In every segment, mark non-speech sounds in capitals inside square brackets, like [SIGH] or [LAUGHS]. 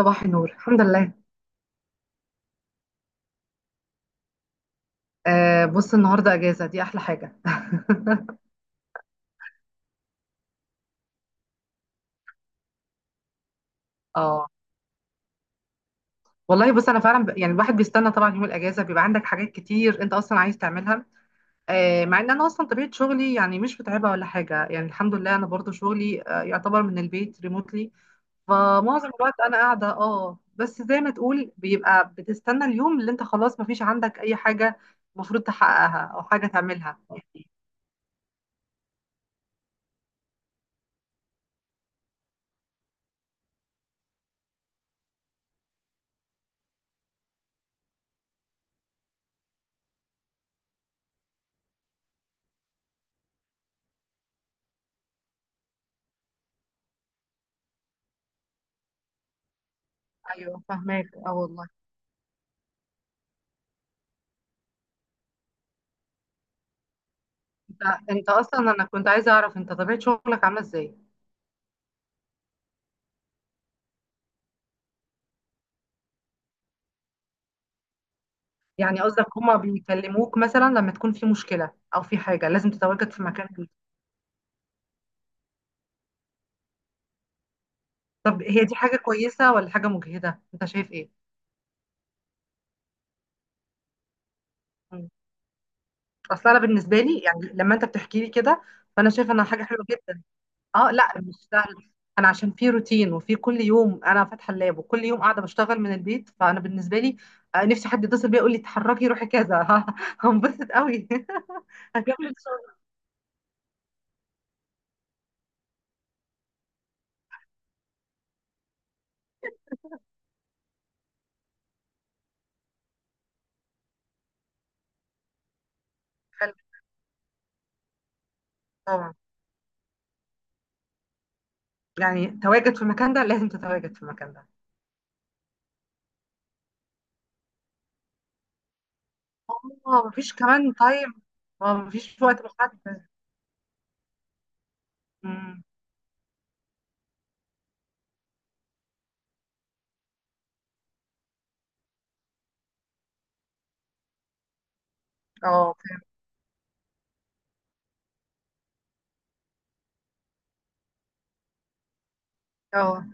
صباح النور، الحمد لله. آه، بص النهارده اجازه، دي احلى حاجه. [LAUGHS] اه والله، بص انا فعلا يعني الواحد بيستنى طبعا يوم الاجازه، بيبقى عندك حاجات كتير انت اصلا عايز تعملها. آه، مع ان انا اصلا طبيعه شغلي يعني مش متعبه ولا حاجه، يعني الحمد لله، انا برضو شغلي آه يعتبر من البيت ريموتلي. فمعظم الوقت انا قاعده، اه، بس زي ما تقول بيبقى بتستنى اليوم اللي انت خلاص مفيش عندك اي حاجه المفروض تحققها او حاجه تعملها. ايوه، فاهماك، اه والله. انت انت اصلا، انا كنت عايزه اعرف انت طبيعه شغلك عامله ازاي. يعني قصدك هما بيكلموك مثلا لما تكون في مشكله، او في حاجه لازم تتواجد في مكان جديد؟ طب هي دي حاجه كويسه ولا حاجه مجهده، انت شايف ايه؟ مم. اصل انا بالنسبه لي يعني لما انت بتحكي لي كده، فانا شايفه انها حاجه حلوه جدا. اه لا، مش سهل. انا عشان في روتين، وفي كل يوم انا فاتحه اللاب، وكل يوم قاعده بشتغل من البيت، فانا بالنسبه لي نفسي حد يتصل بيا يقول لي اتحركي روحي كذا. [LAUGHS] هنبسط قوي. [LAUGHS] هكمل شغل. حلو، طبعا. يعني تواجد في المكان ده، لازم تتواجد في المكان ده. اه، مفيش كمان تايم. اه، مفيش وقت محدد. مم. اه، اه،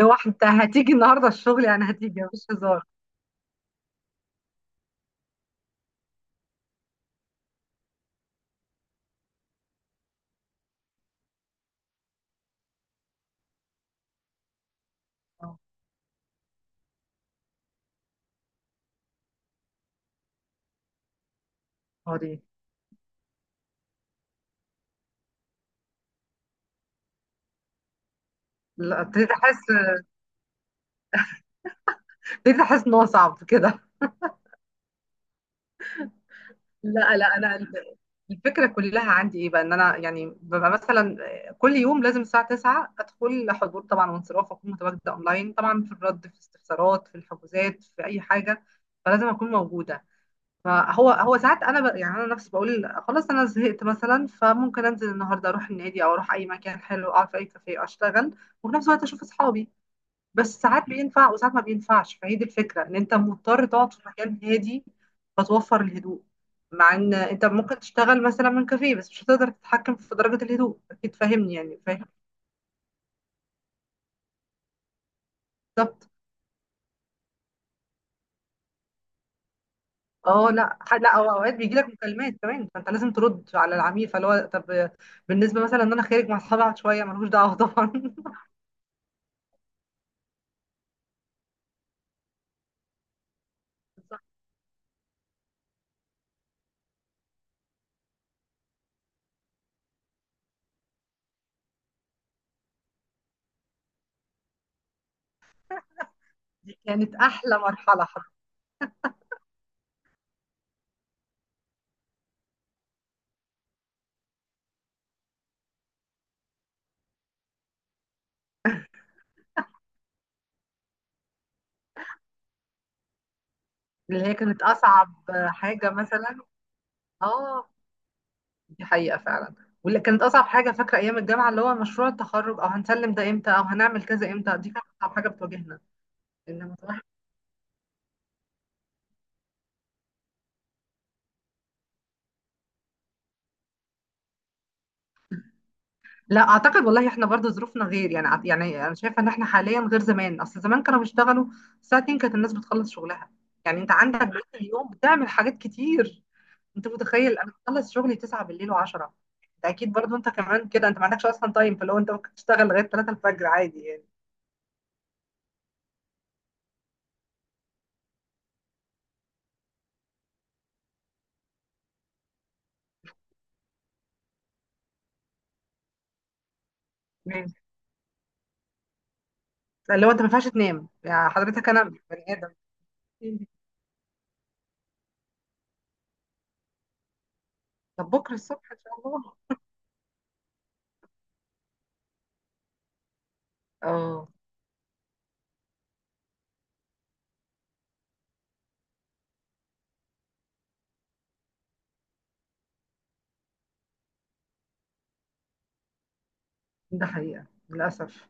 لو انت هتيجي النهارده الشغل، يعني هتيجي مفيش هزار. اه. آه، دي لا، ابتديت احس ان هو صعب كده. لا لا، انا الفكره كلها عندي ايه بقى، ان انا يعني ببقى مثلا كل يوم لازم الساعه 9 ادخل حضور طبعا وانصراف، اكون متواجده اونلاين طبعا في الرد، في الاستفسارات، في الحجوزات، في اي حاجه. فلازم اكون موجوده. فهو ساعات انا يعني انا نفسي بقول خلاص انا زهقت مثلا، فممكن انزل النهارده اروح النادي او اروح اي مكان حلو، اقعد في اي كافيه اشتغل وفي نفس الوقت اشوف اصحابي. بس ساعات بينفع وساعات ما بينفعش، فهي دي الفكره، ان انت مضطر تقعد في مكان هادي فتوفر الهدوء. مع ان انت ممكن تشتغل مثلا من كافيه، بس مش هتقدر تتحكم في درجه الهدوء، اكيد فاهمني، يعني فاهم. بالظبط. اه، لا، لا، أو اوقات بيجي لك مكالمات كمان، فانت لازم ترد على العميل، فاللي هو طب بالنسبه مثلا ان انا خارج مع اصحابي، أقعد شويه، ملوش دعوه طبعا. صح. دي كانت احلى مرحله حرفيا. اللي هي كانت اصعب حاجه مثلا. اه. دي حقيقه فعلا. واللي كانت اصعب حاجه فاكره ايام الجامعه، اللي هو مشروع التخرج او هنسلم ده امتى او هنعمل كذا امتى، دي كانت اصعب حاجه بتواجهنا. انما الواحد- لا، اعتقد والله احنا برضو ظروفنا غير، يعني يعني انا شايفه ان احنا حاليا غير زمان، اصل زمان كانوا بيشتغلوا الساعه 2، كانت الناس بتخلص شغلها. يعني انت عندك بقيت اليوم بتعمل حاجات كتير. انت متخيل انا بخلص شغلي 9 بالليل و10؟ انت اكيد برضو انت كمان كده، انت ما عندكش اصلا تايم، فلو انت ممكن تشتغل لغايه 3 الفجر عادي يعني. ماشي. اللي هو انت ما ينفعش تنام يعني، حضرتك انا بني ادم. طب بكره الصبح ان شاء الله. اه، ده حقيقه للاسف.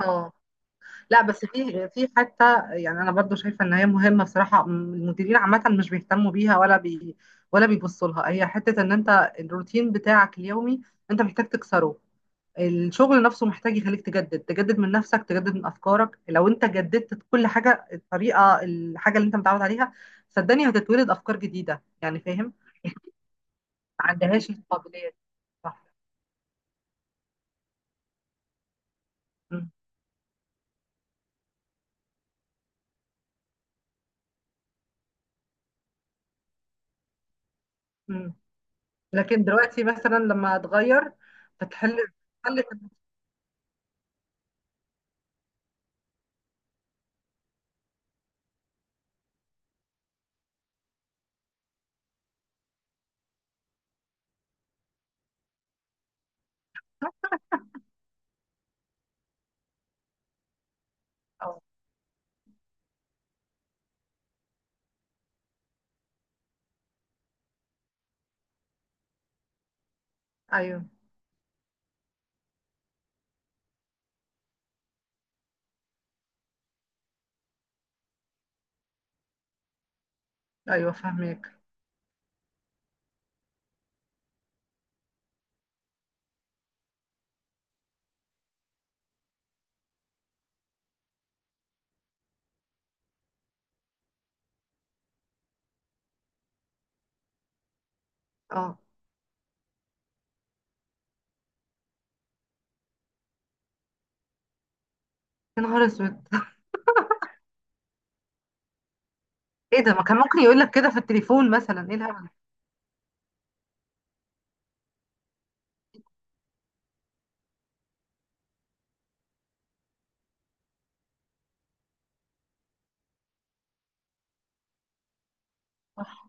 اه لا، بس في حته، يعني انا برضو شايفه ان هي مهمه بصراحه، المديرين عامه مش بيهتموا بيها، ولا بيبصوا لها. هي حته ان انت الروتين بتاعك اليومي انت محتاج تكسره. الشغل نفسه محتاج يخليك تجدد، تجدد من نفسك، تجدد من افكارك. لو انت جددت كل حاجه، الطريقه، الحاجه اللي انت متعود عليها، صدقني هتتولد افكار جديده، يعني فاهم. ما عندهاش القابليه دي. صح. مم. مم. لكن دلوقتي مثلا لما هتغير فتحل، تحل. اه. ايوه، ايوه، فاهمك. اه، يا نهار اسود. ايه ده، ما كان ممكن يقول لك كده في التليفون مثلا؟ ايه الهبل ده؟ صح.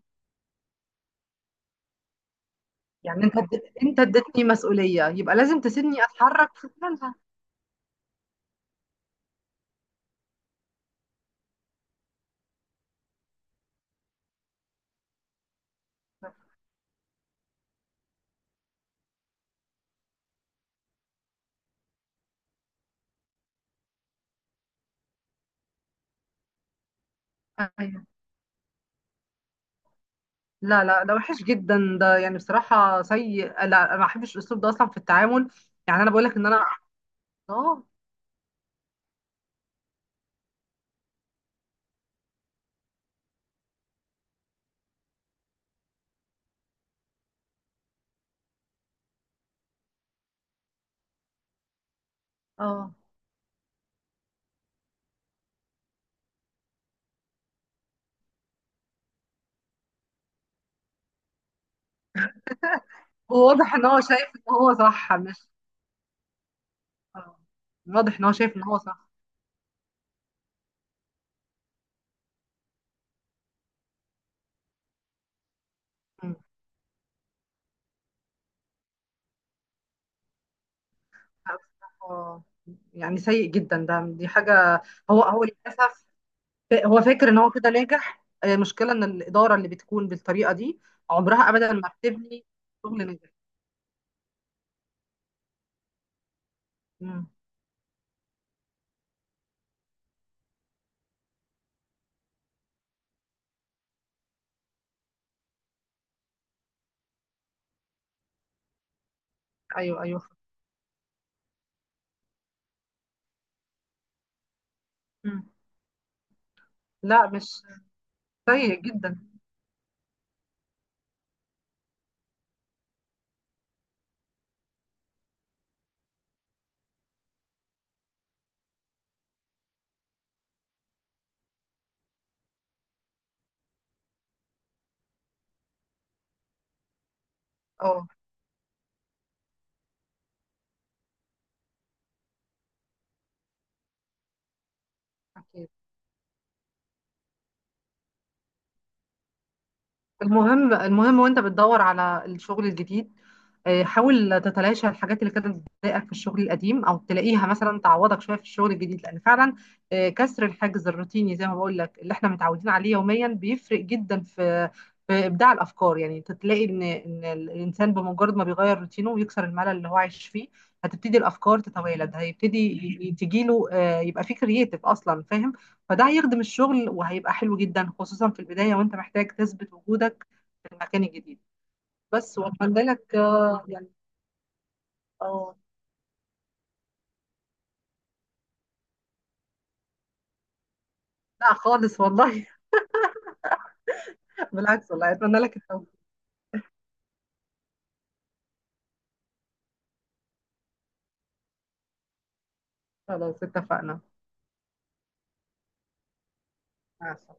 يعني انت اديتني مسؤوليه، يبقى لازم تسيبني اتحرك في خلالها. ايوه. لا لا، ده وحش جدا ده، يعني بصراحة سيء. لا، أنا ما بحبش الأسلوب ده أصلا في التعامل. يعني أنا بقول لك إن أنا. اه. اه. هو واضح إن هو شايف إن هو صح، مش آه. واضح إن هو شايف إن هو صح. مم. لا، بصراحة، يعني سيء جدا ده، دي حاجة. هو هو للأسف. هو فاكر إن هو كده ناجح. مشكلة إن الإدارة اللي بتكون بالطريقة دي عمرها أبدا ما بتبني شغل ناجح. مم. أيوه، أيوه. مم. لا، مش سيء جدا. اه، أكيد. المهم، المهم وانت بتدور على الشغل الجديد، حاول تتلاشى الحاجات اللي كانت بتضايقك في الشغل القديم، او تلاقيها مثلا تعوضك شويه في الشغل الجديد، لان فعلا كسر الحاجز الروتيني، زي ما بقول لك اللي احنا متعودين عليه يوميا، بيفرق جدا في ابداع الافكار. يعني انت تلاقي ان الانسان بمجرد ما بيغير روتينه ويكسر الملل اللي هو عايش فيه، هتبتدي الافكار تتوالد، تجيله يبقى فيه كرييتيف اصلا، فاهم. فده هيخدم الشغل، وهيبقى حلو جدا، خصوصا في البداية وانت محتاج تثبت وجودك في المكان الجديد. بس واتمنى لك يعني، اه، لا خالص والله. [LAUGHS] بالعكس والله، اتمنى لك التوفيق. خلاص، اتفقنا. مع السلامة.